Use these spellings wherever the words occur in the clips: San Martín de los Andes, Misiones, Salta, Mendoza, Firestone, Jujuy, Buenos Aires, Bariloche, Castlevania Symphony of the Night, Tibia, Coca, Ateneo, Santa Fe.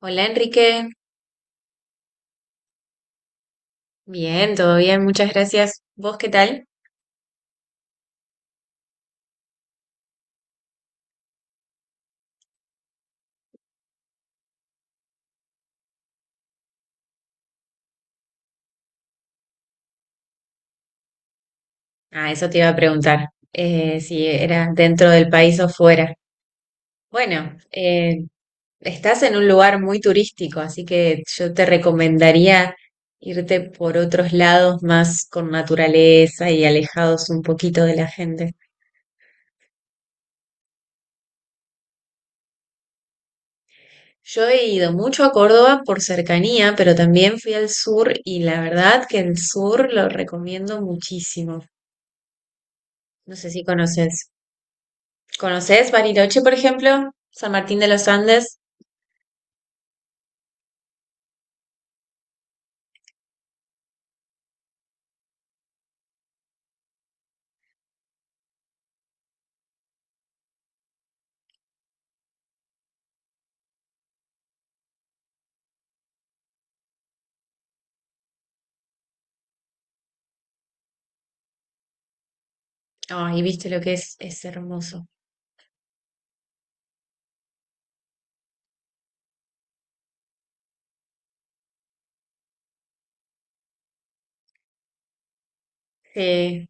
Hola, Enrique. Bien, todo bien, muchas gracias. ¿Vos qué tal? Ah, eso te iba a preguntar, si era dentro del país o fuera. Bueno, estás en un lugar muy turístico, así que yo te recomendaría irte por otros lados más con naturaleza y alejados un poquito de la gente. Yo he ido mucho a Córdoba por cercanía, pero también fui al sur y la verdad que el sur lo recomiendo muchísimo. No sé si conoces. ¿Conoces Bariloche, por ejemplo? San Martín de los Andes. Ay, viste lo que es hermoso. Eh,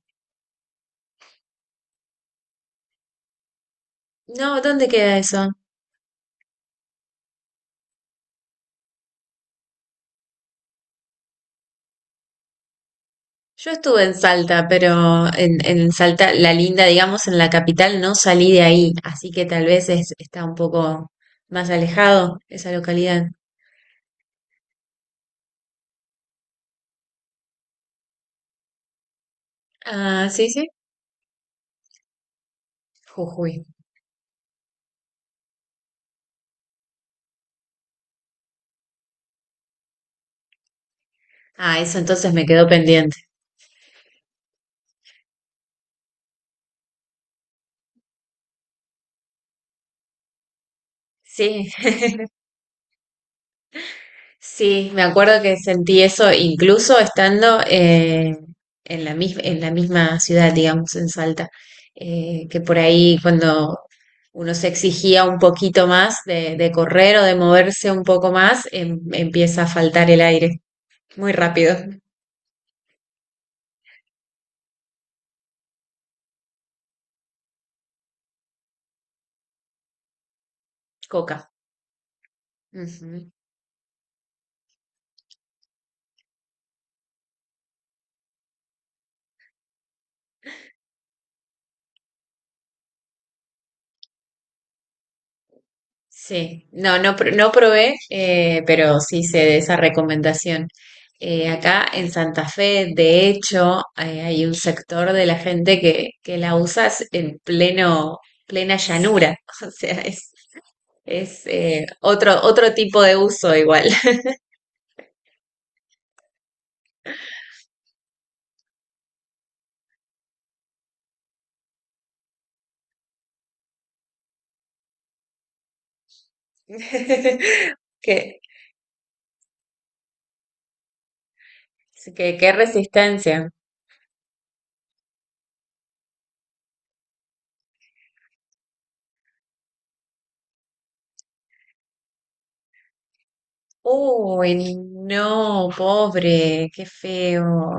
no, ¿dónde queda eso? Yo estuve en Salta, pero en Salta, la linda, digamos, en la capital, no salí de ahí, así que tal vez está un poco más alejado esa localidad. Ah, sí, sí. Jujuy. Ah, eso entonces me quedó pendiente. Sí, sí, me acuerdo que sentí eso incluso estando en la en la misma ciudad, digamos, en Salta, que por ahí cuando uno se exigía un poquito más de correr o de moverse un poco más, empieza a faltar el aire muy rápido. Coca. Sí, no, no, no probé, pero sí sé de esa recomendación. Acá en Santa Fe, de hecho, hay un sector de la gente que la usa en pleno, plena llanura. O sea, es otro, otro tipo de uso igual. Qué, qué resistencia. Uy, no, pobre, qué feo.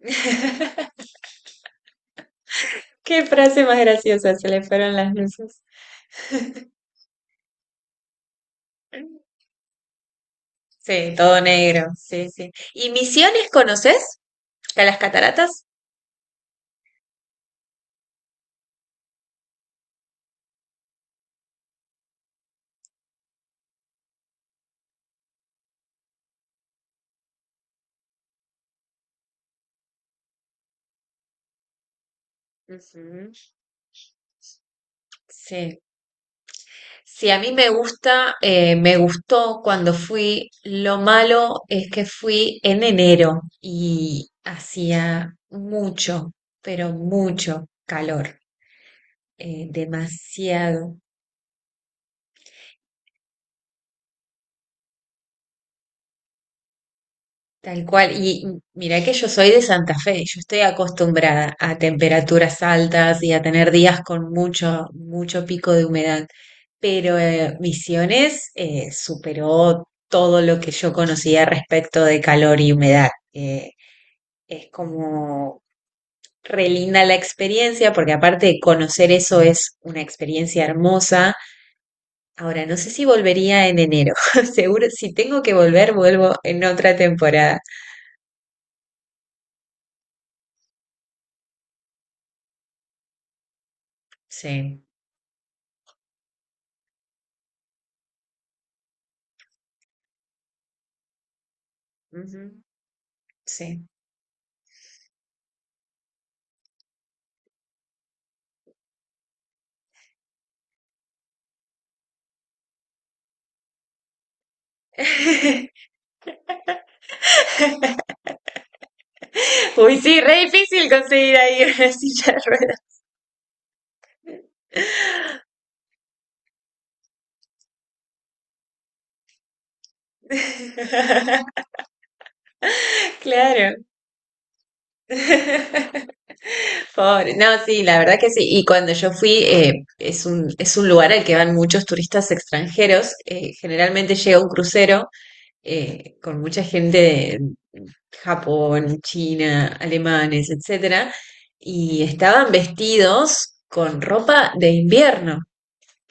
Qué frase más graciosa, se le fueron las luces. Sí, todo negro, sí, sí. ¿Y Misiones conoces? ¿A las cataratas? Ujú, sí, sí, a mí me gusta, me gustó cuando fui. Lo malo es que fui en enero y hacía mucho, pero mucho calor, demasiado. Tal cual. Y mira que yo soy de Santa Fe, yo estoy acostumbrada a temperaturas altas y a tener días con mucho, mucho pico de humedad, pero Misiones superó todo lo que yo conocía respecto de calor y humedad. Es como re linda la experiencia, porque aparte de conocer eso es una experiencia hermosa. Ahora, no sé si volvería en enero. Seguro, si tengo que volver, vuelvo en otra temporada. Sí. Ujú. Sí. Uy, sí, re difícil conseguir ahí una silla de ruedas. Claro. Pobre. No, sí, la verdad que sí. Y cuando yo fui, es un lugar al que van muchos turistas extranjeros. Generalmente llega un crucero con mucha gente de Japón, China, alemanes, etcétera, y estaban vestidos con ropa de invierno.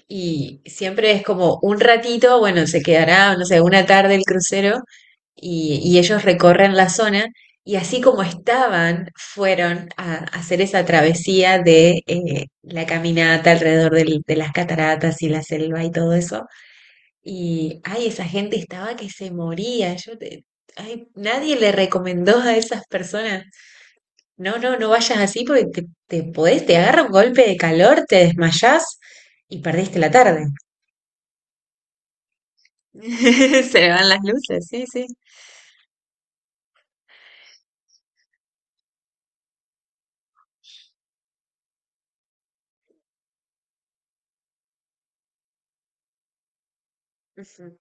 Y siempre es como un ratito, bueno, se quedará, no sé, una tarde el crucero y ellos recorren la zona y así como estaban, fueron a hacer esa travesía de la caminata alrededor de las cataratas y la selva y todo eso. Y, ay, esa gente estaba que se moría. Ay, nadie le recomendó a esas personas, no, no, no vayas así porque te podés, te agarra un golpe de calor, te desmayás y perdiste la tarde. Se le van las luces, sí, sí. Ujú.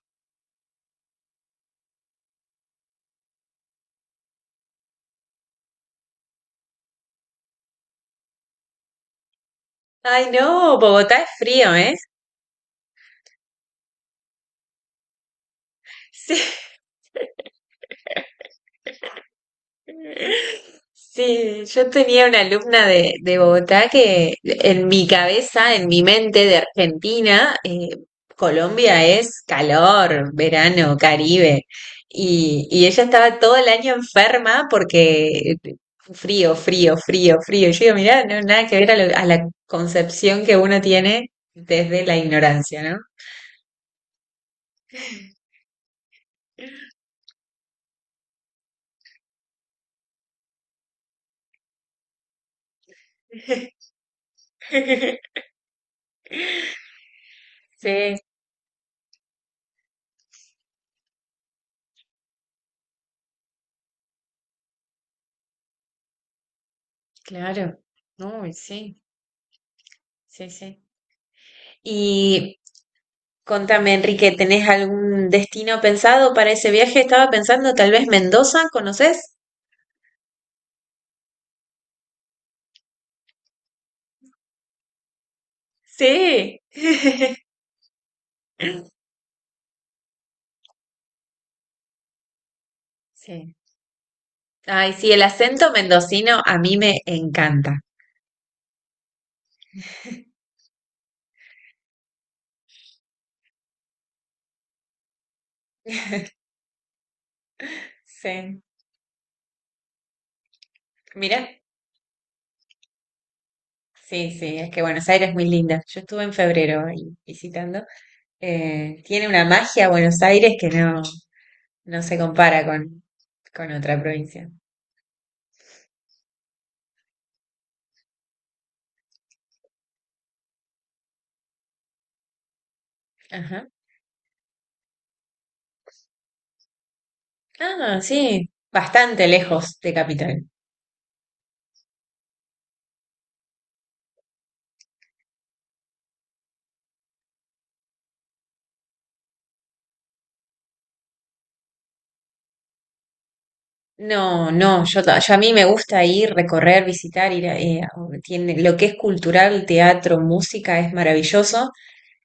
Ay, no, Bogotá es frío, ¿eh? Sí, sí, yo tenía una alumna de Bogotá que en mi cabeza, en mi mente de Argentina, Colombia es calor, verano, Caribe. Y ella estaba todo el año enferma porque frío, frío, frío, frío. Y yo digo, mirá, no, nada que ver a, a la concepción que uno tiene desde la ignorancia, ¿no? Sí, claro. No, y sí, sí, sí. Y contame, Enrique, ¿tenés algún destino pensado para ese viaje? Estaba pensando, tal vez Mendoza, ¿conoces? Sí. Sí. Ay, sí, el acento mendocino a mí me encanta. Sí. Mira. Sí, sí, es que Buenos Aires es muy linda. Yo estuve en febrero ahí visitando. Tiene una magia Buenos Aires que no, no se compara con otra provincia. Ajá. Ah, sí, bastante lejos de Capital. No, no, yo, yo a mí me gusta ir, recorrer, visitar, ir a, tiene, lo que es cultural, teatro, música es maravilloso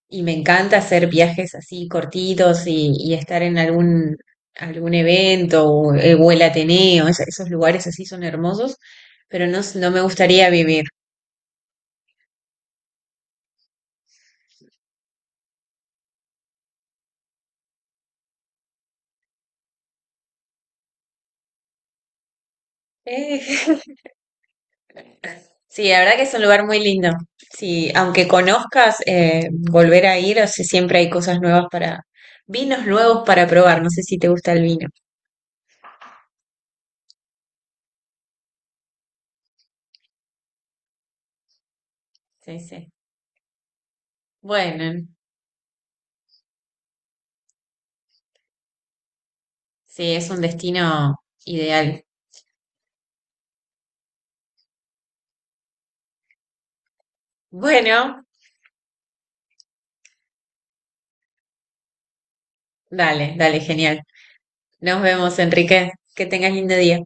y me encanta hacer viajes así cortitos y estar en algún, algún evento o el Ateneo, esos lugares así son hermosos, pero no, no me gustaría vivir. Sí, la verdad que es un lugar muy lindo. Sí, aunque conozcas, volver a ir, o sea, siempre hay cosas nuevas para, vinos nuevos para probar. No sé si te gusta el vino. Sí, sí. Bueno, sí, es un destino ideal. Bueno, dale, dale, genial. Nos vemos, Enrique. Que tengas lindo día.